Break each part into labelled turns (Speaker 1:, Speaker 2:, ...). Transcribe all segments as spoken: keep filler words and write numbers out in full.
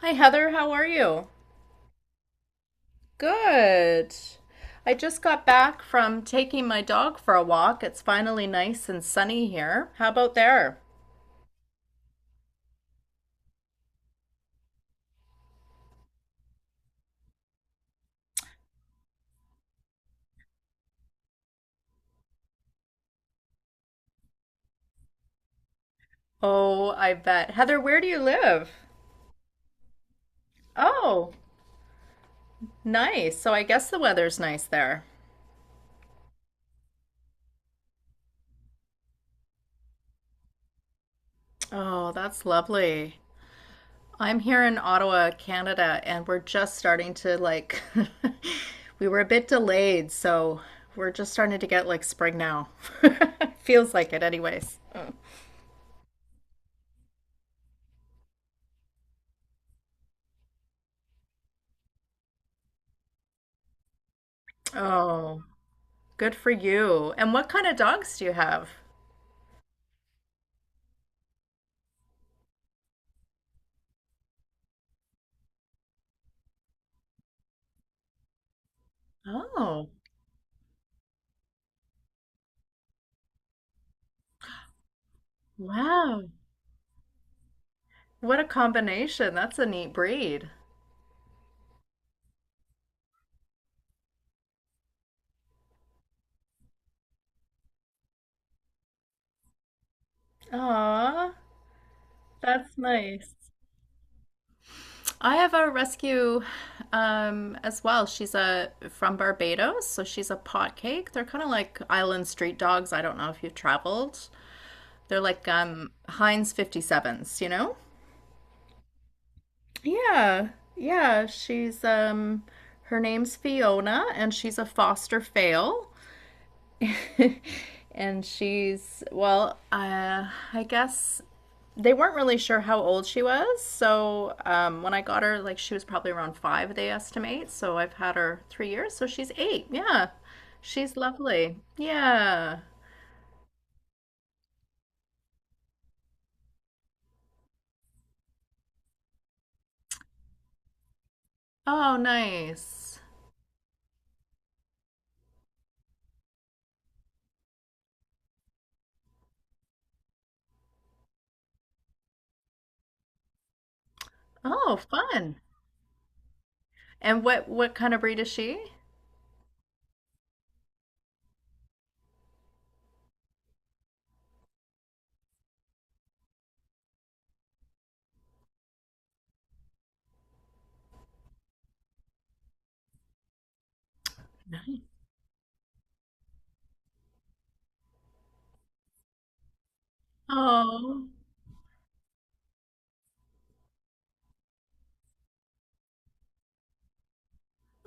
Speaker 1: Hi, Heather. How are you? Good. I just got back from taking my dog for a walk. It's finally nice and sunny here. How about there? Oh, I bet. Heather, where do you live? Oh, nice. So I guess the weather's nice there. Oh, that's lovely. I'm here in Ottawa, Canada, and we're just starting to, like, we were a bit delayed, so we're just starting to get, like, spring now. Feels like it, anyways. Oh. Good for you. And what kind of dogs do you have? Oh, wow. What a combination. That's a neat breed. Aw, that's nice. I have a rescue, um, as well. She's a from Barbados, so she's a pot cake. They're kind of like island street dogs. I don't know if you've traveled. They're like, um, Heinz fifty-sevens, you know? Yeah, yeah. She's, um, her name's Fiona, and she's a foster fail. And she's, well, uh, I guess they weren't really sure how old she was. So, um, when I got her, like, she was probably around five, they estimate. So I've had her three years. So she's eight. Yeah. She's lovely. Yeah. Oh, nice. Oh, fun. And what what kind of breed is she? Nice. Oh,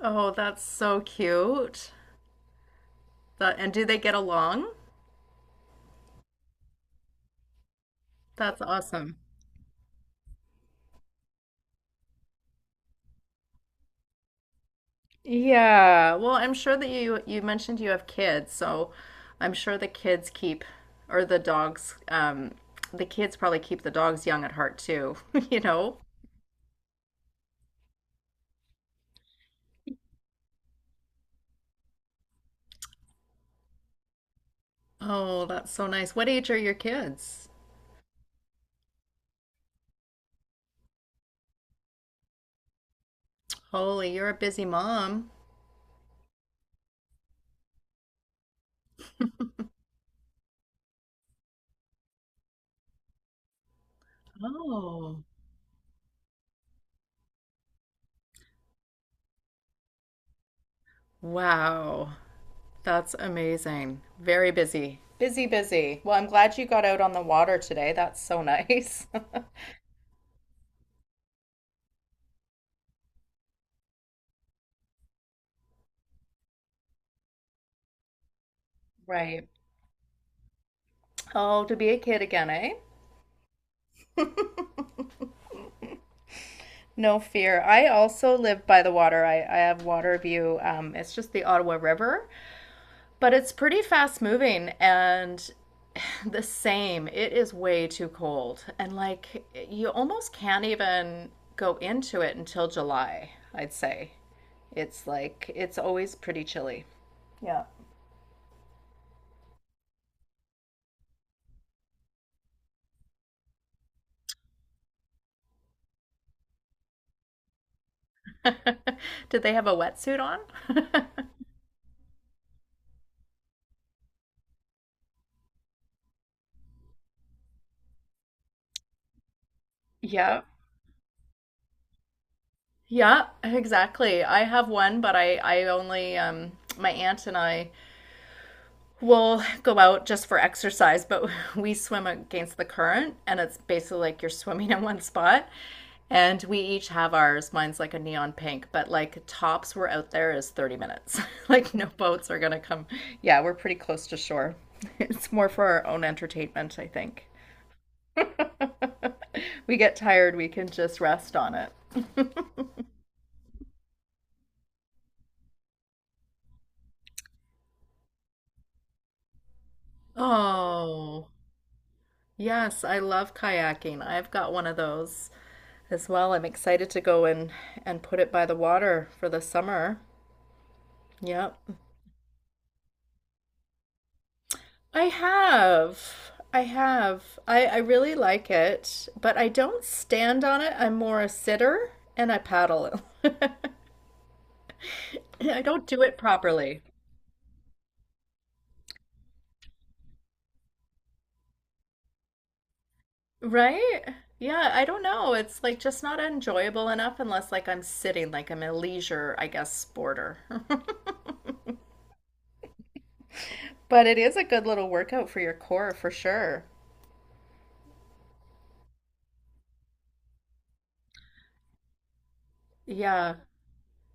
Speaker 1: oh, that's so cute. That, and do they get along? That's awesome. Yeah. Well, I'm sure that, you you mentioned, you have kids, so I'm sure the kids keep, or the dogs um the kids probably keep the dogs young at heart too, you know? Oh, that's so nice. What age are your kids? Holy, you're a busy mom. Oh, wow. That's amazing. Very busy. Busy, busy. Well, I'm glad you got out on the water today. That's so nice. Right. Oh, to be a kid again, eh? No fear. I also live by the water. I, I have water view. Um, it's just the Ottawa River, but it's pretty fast moving and the same. It is way too cold. And like you almost can't even go into it until July, I'd say. It's like it's always pretty chilly. Yeah. Did they have a wetsuit on? Yeah. Yeah, exactly. I have one, but I I only, um my aunt and I, we'll go out just for exercise, but we swim against the current, and it's basically like you're swimming in one spot. And we each have ours. Mine's like a neon pink, but like tops we're out there is thirty minutes. Like no boats are gonna come. Yeah, we're pretty close to shore. It's more for our own entertainment, I think. We get tired, we can just rest on it. Oh, yes, I love kayaking. I've got one of those as well. I'm excited to go and and put it by the water for the summer. Yep. I have. I have. I, I really like it, but I don't stand on it. I'm more a sitter and I paddle. I don't do it properly. Right? Yeah, I don't know. It's like just not enjoyable enough unless like I'm sitting, like I'm a leisure, I guess, sporter. But it is a good little workout for your core for sure. Yeah,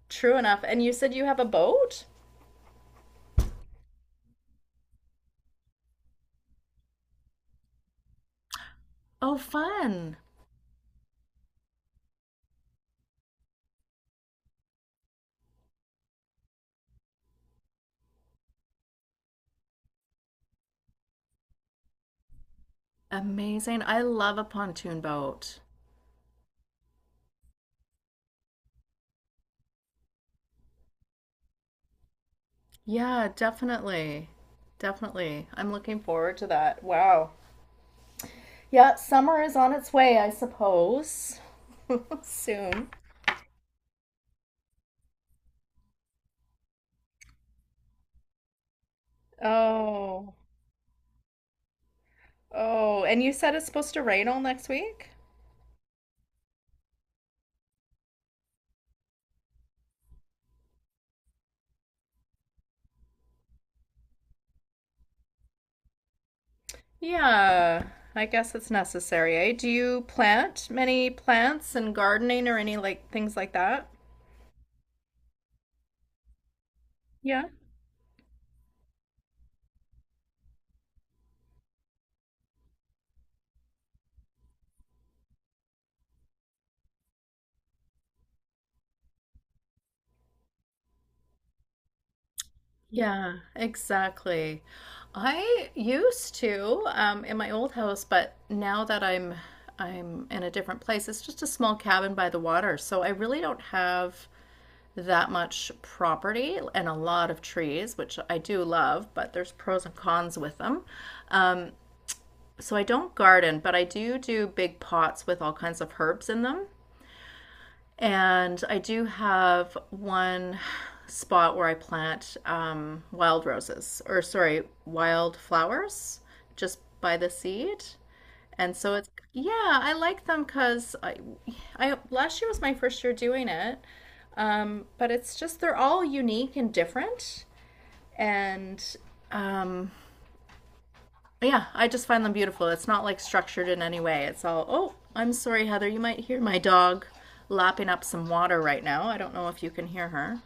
Speaker 1: true enough. And you said you have a boat? Oh, fun. Amazing. I love a pontoon boat. Yeah, definitely. Definitely. I'm looking forward to that. Wow. Yeah, summer is on its way, I suppose. Soon. Oh. Oh, and you said it's supposed to rain all next week? Yeah, I guess it's necessary, eh? Do you plant many plants and gardening or any like things like that? Yeah. Yeah, exactly. I used to, um, in my old house, but now that I'm I'm in a different place, it's just a small cabin by the water, so I really don't have that much property and a lot of trees, which I do love, but there's pros and cons with them. Um, so I don't garden, but I do do big pots with all kinds of herbs in them. And I do have one spot where I plant, um, wild roses, or sorry, wild flowers just by the seed. And so it's, yeah, I like them because, I, I, last year was my first year doing it. Um, but it's just, they're all unique and different. And, um, yeah, I just find them beautiful. It's not like structured in any way. It's all, oh, I'm sorry, Heather. You might hear my dog lapping up some water right now. I don't know if you can hear her.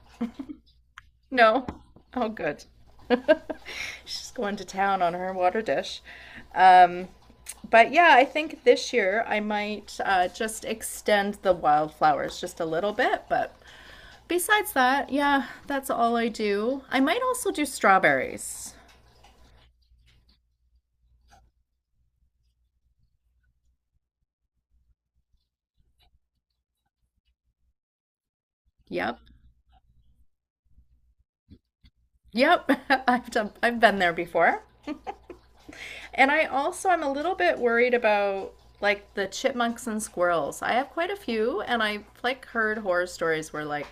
Speaker 1: No. Oh, good. She's going to town on her water dish. Um, but yeah, I think this year I might, uh, just extend the wildflowers just a little bit. But besides that, yeah, that's all I do. I might also do strawberries. Yep. Yep. I've done, I've been there before. And I also am a little bit worried about like the chipmunks and squirrels. I have quite a few, and I've like heard horror stories where, like,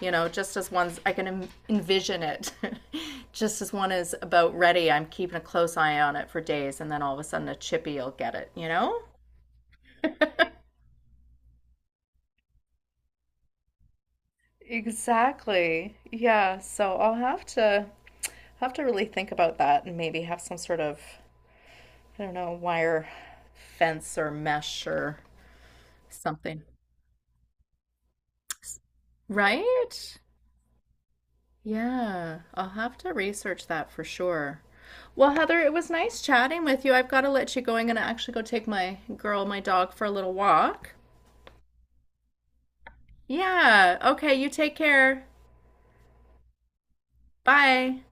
Speaker 1: you know, just as one's I can em- envision it, just as one is about ready, I'm keeping a close eye on it for days, and then all of a sudden a chippy will get it. You know? Exactly. Yeah. So I'll have to have to really think about that, and maybe have some sort of, I don't know, wire fence or mesh or something. Right? Yeah, I'll have to research that for sure. Well, Heather, it was nice chatting with you. I've got to let you go. I'm going to actually go take my girl, my dog, for a little walk. Yeah. Okay. You take care. Bye.